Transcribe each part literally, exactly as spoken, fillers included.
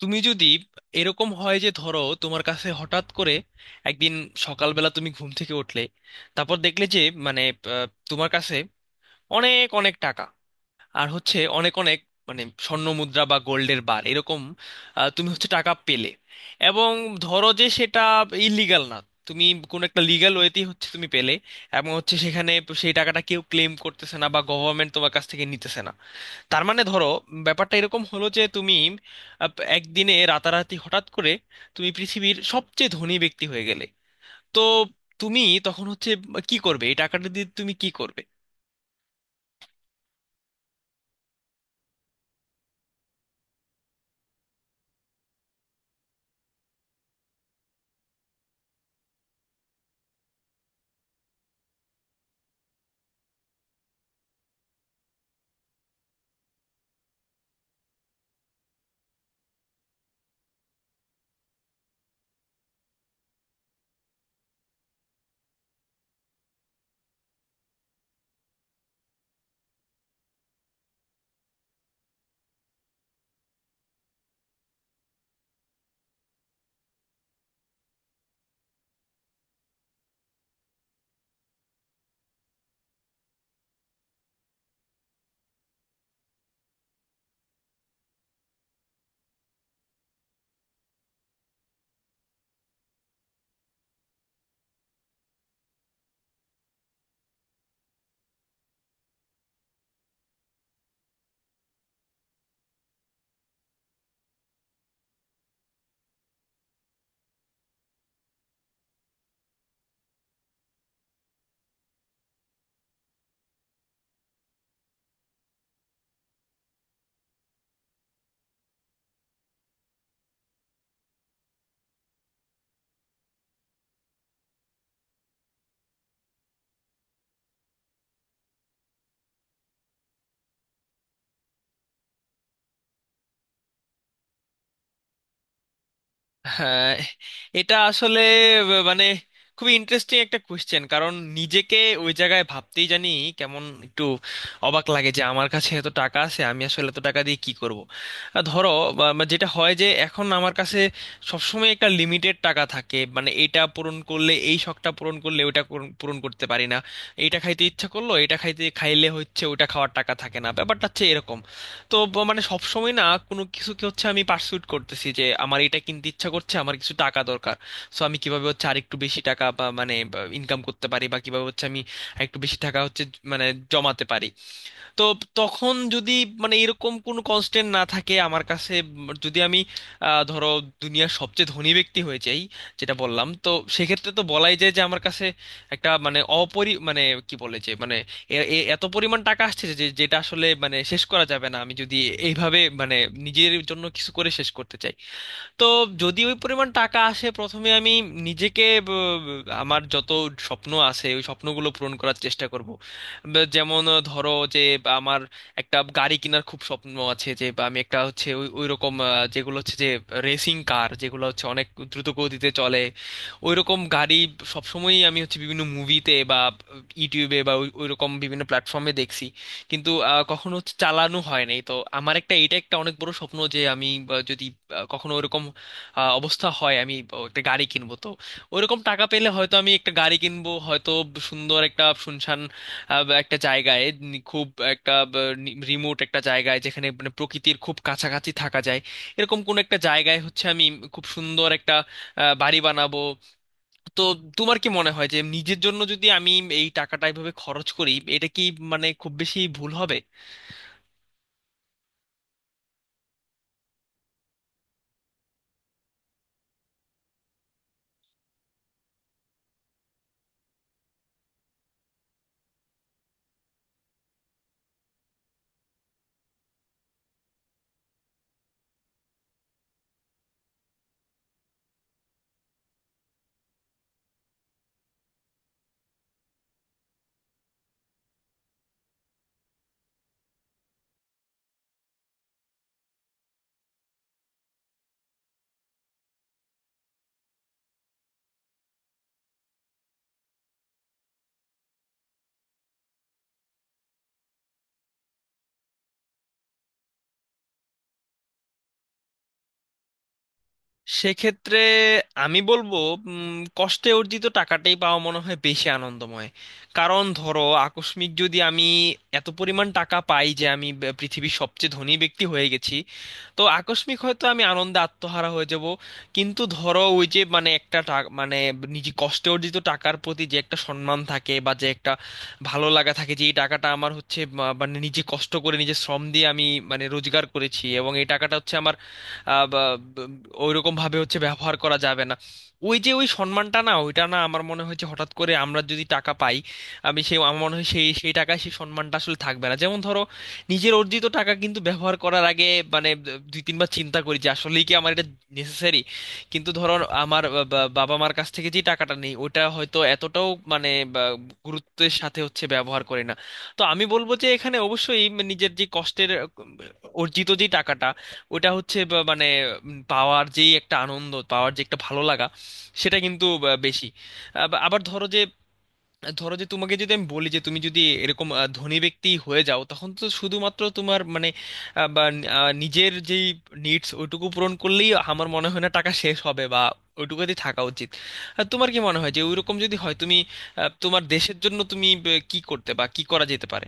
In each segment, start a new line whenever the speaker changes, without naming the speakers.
তুমি যদি এরকম হয় যে ধরো তোমার কাছে হঠাৎ করে একদিন সকালবেলা তুমি ঘুম থেকে উঠলে, তারপর দেখলে যে মানে আহ, তোমার কাছে অনেক অনেক টাকা আর হচ্ছে অনেক অনেক মানে স্বর্ণ মুদ্রা বা গোল্ডের বার এরকম, আহ, তুমি হচ্ছে টাকা পেলে, এবং ধরো যে সেটা ইলিগাল না, তুমি কোন একটা লিগ্যাল ওয়েতেই হচ্ছে তুমি পেলে, এবং হচ্ছে সেখানে সেই টাকাটা কেউ ক্লেম করতেছে না বা গভর্নমেন্ট তোমার কাছ থেকে নিতেছে না। তার মানে ধরো ব্যাপারটা এরকম হলো যে তুমি আহ, একদিনে রাতারাতি হঠাৎ করে তুমি পৃথিবীর সবচেয়ে ধনী ব্যক্তি হয়ে গেলে। তো তুমি তখন হচ্ছে কি করবে, এই টাকাটা দিয়ে তুমি কি করবে? হ্যাঁ, এটা আসলে ব- মানে খুবই ইন্টারেস্টিং একটা কোয়েশ্চেন, কারণ নিজেকে ওই জায়গায় ভাবতেই জানি কেমন একটু অবাক লাগে যে আমার কাছে এত টাকা আছে, আমি আসলে এত টাকা দিয়ে কি করব। আহ, ধরো বা- বা যেটা হয় যে এখন আমার কাছে সবসময় একটা লিমিটেড টাকা থাকে, মানে এটা পূরণ করলে এই শখটা পূরণ করলে ওটা পূরণ পূরণ করতে পারি না। এটা খাইতে ইচ্ছা করলো, এটা খাইতে খাইলে হচ্ছে ওটা খাওয়ার টাকা থাকে না, ব্যাপারটা হচ্ছে এরকম। তো ব- মানে সবসময় না কোনো কিছুকে হচ্ছে আমি পার্সুট করতেছি যে আমার এটা কিনতে ইচ্ছা করছে, আমার কিছু টাকা দরকার। সো আমি কিভাবে হচ্ছে আরেকটু বেশি টাকা বা মানে ইনকাম করতে পারি, বা কিভাবে হচ্ছে আমি একটু বেশি টাকা হচ্ছে জ- মানে জমাতে পারি। তো তখন যদি মানে এরকম কোনো কনস্ট্যান্ট না থাকে আমার কাছে, উম, যদি আমি আহ, ধরো দুনিয়ার সবচেয়ে ধনী ব্যক্তি হয়ে যাই, যেটা বললাম তো, সেক্ষেত্রে তো বলাই যায় যে আমার কাছে একটা মানে অপরি মানে কি বলে যে মানে এ- এ- এত পরিমাণ টাকা আসছে যে যেটা আসলে মানে শেষ করা যাবে না আমি যদি এইভাবে মানে নিজের জন্য কিছু করে শেষ করতে চাই। তো যদি ওই পরিমাণ টাকা আসে, প্রথমে আমি নিজেকে ব- ব- আমার যত স্বপ্ন আছে ওই স্বপ্নগুলো পূরণ করার চেষ্টা করব। ব- যেমন আহ, ধরো যে বা আমার একটা গাড়ি কেনার খুব স্বপ্ন আছে, যে বা আমি একটা হচ্ছে ওই ওই রকম আহ, যেগুলো হচ্ছে যে রেসিং কার যেগুলো হচ্ছে অনেক দ্রুত গতিতে চলে, ওই রকম গাড়ি সবসময়ই আমি হচ্ছে বিভিন্ন মুভিতে বা ইউটিউবে বা ওই ওই রকম বিভিন্ন প্ল্যাটফর্মে দেখছি, কিন্তু আহ, কখনো চালানো হয় নাই। তো আমার একটা, এটা একটা অনেক বড় স্বপ্ন যে আমি আহ, যদি আহ, কখনো ওরকম আহ, অবস্থা হয়, আমি আহ, একটা গাড়ি কিনবো। তো ওরকম টাকা পেলে হয়তো আমি একটা গাড়ি কিনবো, হয়তো সুন্দর একটা শুনশান আহ, বা একটা জায়গায় নি- খুব একটা রিমোট একটা জায়গায় যেখানে মানে প্রকৃতির খুব কাছাকাছি থাকা যায়, এরকম কোন একটা জায়গায় হচ্ছে আমি খুব সুন্দর একটা আহ, বাড়ি বানাবো। তো তোমার কি মনে হয় যে নিজের জন্য যদি আমি এই টাকাটা এভাবে খরচ করি, এটা কি মানে খুব বেশি ভুল হবে? সেক্ষেত্রে আমি বলবো উম, কষ্টে অর্জিত টাকাটাই পাওয়া মনে হয় বেশি আনন্দময়। কারণ ধরো আকস্মিক যদি আমি এত পরিমাণ টাকা পাই যে আমি ব- পৃথিবীর সবচেয়ে ধনী ব্যক্তি হয়ে গেছি, তো আকস্মিক হয়তো আমি আনন্দে আত্মহারা হয়ে যাব। কিন্তু ধরো ওই যে মানে একটা টা- মানে নিজে কষ্টে অর্জিত টাকার প্রতি যে একটা সম্মান থাকে বা যে একটা ভালো লাগা থাকে যে এই টাকাটা আমার হচ্ছে বা- মানে নিজে কষ্ট করে নিজে শ্রম দিয়ে আমি মানে রোজগার করেছি এবং এই টাকাটা হচ্ছে আমার, আহ, বা ওইরকম ভাবে হচ্ছে ব্যবহার করা যাবে না, ওই যে ওই সম্মানটা, না ওইটা না, আমার মনে হচ্ছে হঠাৎ করে আমরা যদি টাকা পাই আমি সেই, আমার মনে হয় সেই সেই টাকায় সেই সম্মানটা আসলে থাকবে না। যেমন ধরো নিজের অর্জিত টাকা কিন্তু ব্যবহার করার আগে মানে দুই তিনবার চিন্তা করি যে আসলেই কি আমার এটা নেসেসারি। কিন্তু ধরো আমার বা- বা- বাবা মার কাছ থেকে যে টাকাটা নেই ওটা হয়তো এতটাও মানে বা গুরুত্বের সাথে হচ্ছে ব্যবহার করে না। তো আমি বলবো যে এখানে অবশ্যই নিজের যে কষ্টের আহ, অর্জিত যে টাকাটা ওটা হচ্ছে বা- মানে উম, পাওয়ার যেই একটা আনন্দ, পাওয়ার যে একটা ভালো লাগা সেটা কিন্তু আহ, বেশি। আব- আবার ধরো যে, ধরো যে তোমাকে যদি আমি বলি যে তুমি যদি এরকম আহ, ধনী ব্যক্তি হয়ে যাও, তখন তো শুধুমাত্র তোমার মানে আহ, বা নি- আহ, নিজের যেই নিডস ওইটুকু পূরণ করলেই আমার মনে হয় না টাকা শেষ হবে বা ওইটুকুতে থাকা উচিত। আর তোমার কি মনে হয় যে ওইরকম যদি হয় তুমি আহ, তোমার দেশের জন্য তুমি আহ, কি করতে বা কি করা যেতে পারে?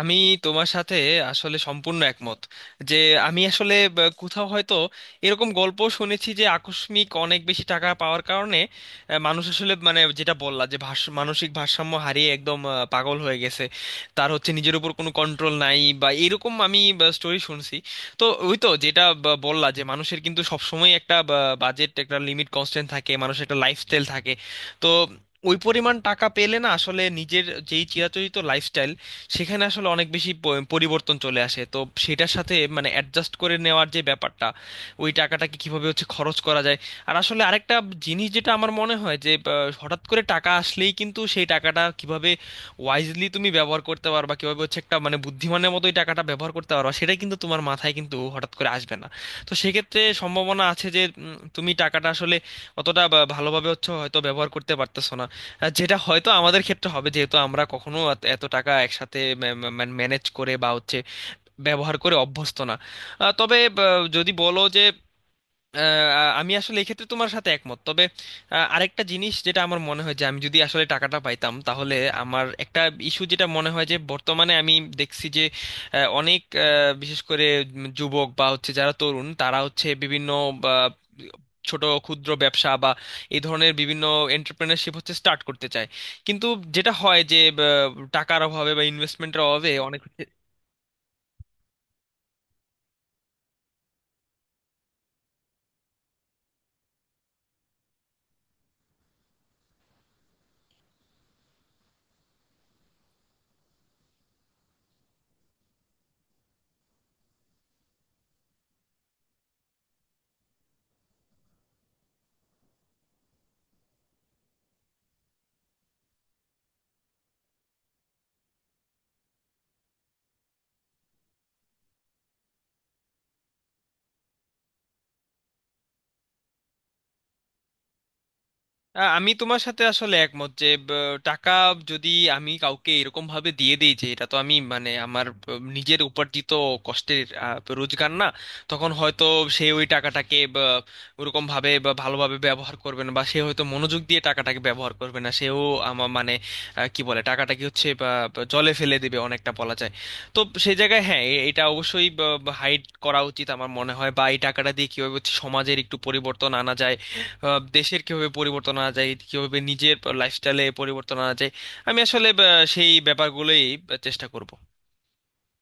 আমি তোমার সাথে আসলে সম্পূর্ণ একমত যে, আমি আসলে ব- কোথাও হয়তো এরকম গল্প শুনেছি যে আকস্মিক অনেক বেশি টাকা পাওয়ার কারণে আহ, মানুষ আসলে মানে যেটা বললা যে ভাষ মানসিক ভারসাম্য হারিয়ে একদম আহ, পাগল হয়ে গেছে, তার হচ্ছে নিজের উপর কোনো কন্ট্রোল নাই, বা এরকম আমি স্টোরি শুনছি। তো ওই তো যেটা ব- বললা যে মানুষের কিন্তু সবসময় একটা বাজেট, একটা লিমিট, কনস্ট্যান্ট থাকে, মানুষের একটা লাইফস্টাইল থাকে। তো ওই পরিমাণ টাকা পেলে না আসলে নিজের যেই চিরাচরিত লাইফস্টাইল, সেখানে আসলে অনেক বেশি প- পরিবর্তন চলে আসে। তো সেটার সাথে মানে অ্যাডজাস্ট করে নেওয়ার যে ব্যাপারটা, ওই টাকাটাকে কিভাবে হচ্ছে খরচ করা যায়। আর আসলে আরেকটা জিনিস যেটা আমার মনে হয় যে আহ, হঠাৎ করে টাকা আসলেই কিন্তু সেই টাকাটা কিভাবে ওয়াইজলি তুমি ব্যবহার করতে পারবা, কিভাবে হচ্ছে একটা মানে বুদ্ধিমানের মতোই টাকাটা ব্যবহার করতে পারবা সেটা কিন্তু তোমার মাথায় কিন্তু হঠাৎ করে আসবে না। তো সেক্ষেত্রে সম্ভাবনা আছে যে উম, তুমি টাকাটা আসলে অতটা বা- ভালোভাবে হচ্ছে হয়তো ব্যবহার করতে পারতেছো না। আর যেটা হয়তো আমাদের ক্ষেত্রে হবে, যেহেতু আমরা কখনো এত এত টাকা একসাথে ম্যানেজ করে বা হচ্ছে ব্যবহার করে অভ্যস্ত না। আহ, তবে আহ, যদি বলো যে আহ, আমি আসলে এক্ষেত্রে তোমার সাথে একমত, তবে আহ, আরেকটা জিনিস যেটা আমার মনে হয় যে আমি যদি আসলে টাকাটা পাইতাম তাহলে আমার একটা ইস্যু যেটা মনে হয়, যে বর্তমানে আমি দেখছি যে আহ, অনেক আহ, বিশেষ করে উম যুবক বা হচ্ছে যারা তরুণ, তারা হচ্ছে বিভিন্ন বা, ছোট ক্ষুদ্র ব্যবসা বা এই ধরনের বিভিন্ন এন্টারপ্রেনারশিপ হচ্ছে স্টার্ট করতে চায়, কিন্তু যেটা হয় যে আহ, টাকার অভাবে বা ইনভেস্টমেন্টের অভাবে অনেক আ, আমি তোমার সাথে আসলে একমত যে ব, টাকা যদি আমি কাউকে এরকম ভাবে দিয়ে দিই যে এটা তো আমি মানে আমার ব, নিজের উপার্জিত কষ্টের আ, রোজগার না, তখন হয়তো সে ওই টাকাটাকে ব, ওরকম ভাবে বা ভালোভাবে ব্যবহার করবে না, বা সে হয়তো মনোযোগ দিয়ে টাকাটাকে ব্যবহার করবে না, সেও আমার মানে আ, কি বলে টাকাটাকে হচ্ছে বা, বা জলে ফেলে দেবে অনেকটা বলা যায়। তো সেই জায়গায় হ্যাঁ, এ- এটা অবশ্যই হাইড করা উচিত আমার মনে হয়, বা এই টাকাটা দিয়ে কিভাবে হচ্ছে সমাজের একটু পরিবর্তন আনা যায়, আহ, দেশের কিভাবে পরিবর্তন আনা যায়, কিভাবে নিজের লাইফস্টাইলে পরিবর্তন আনা যায়, আমি আসলে আহ, সেই ব্যাপারগুলোই আহ, চেষ্টা করব।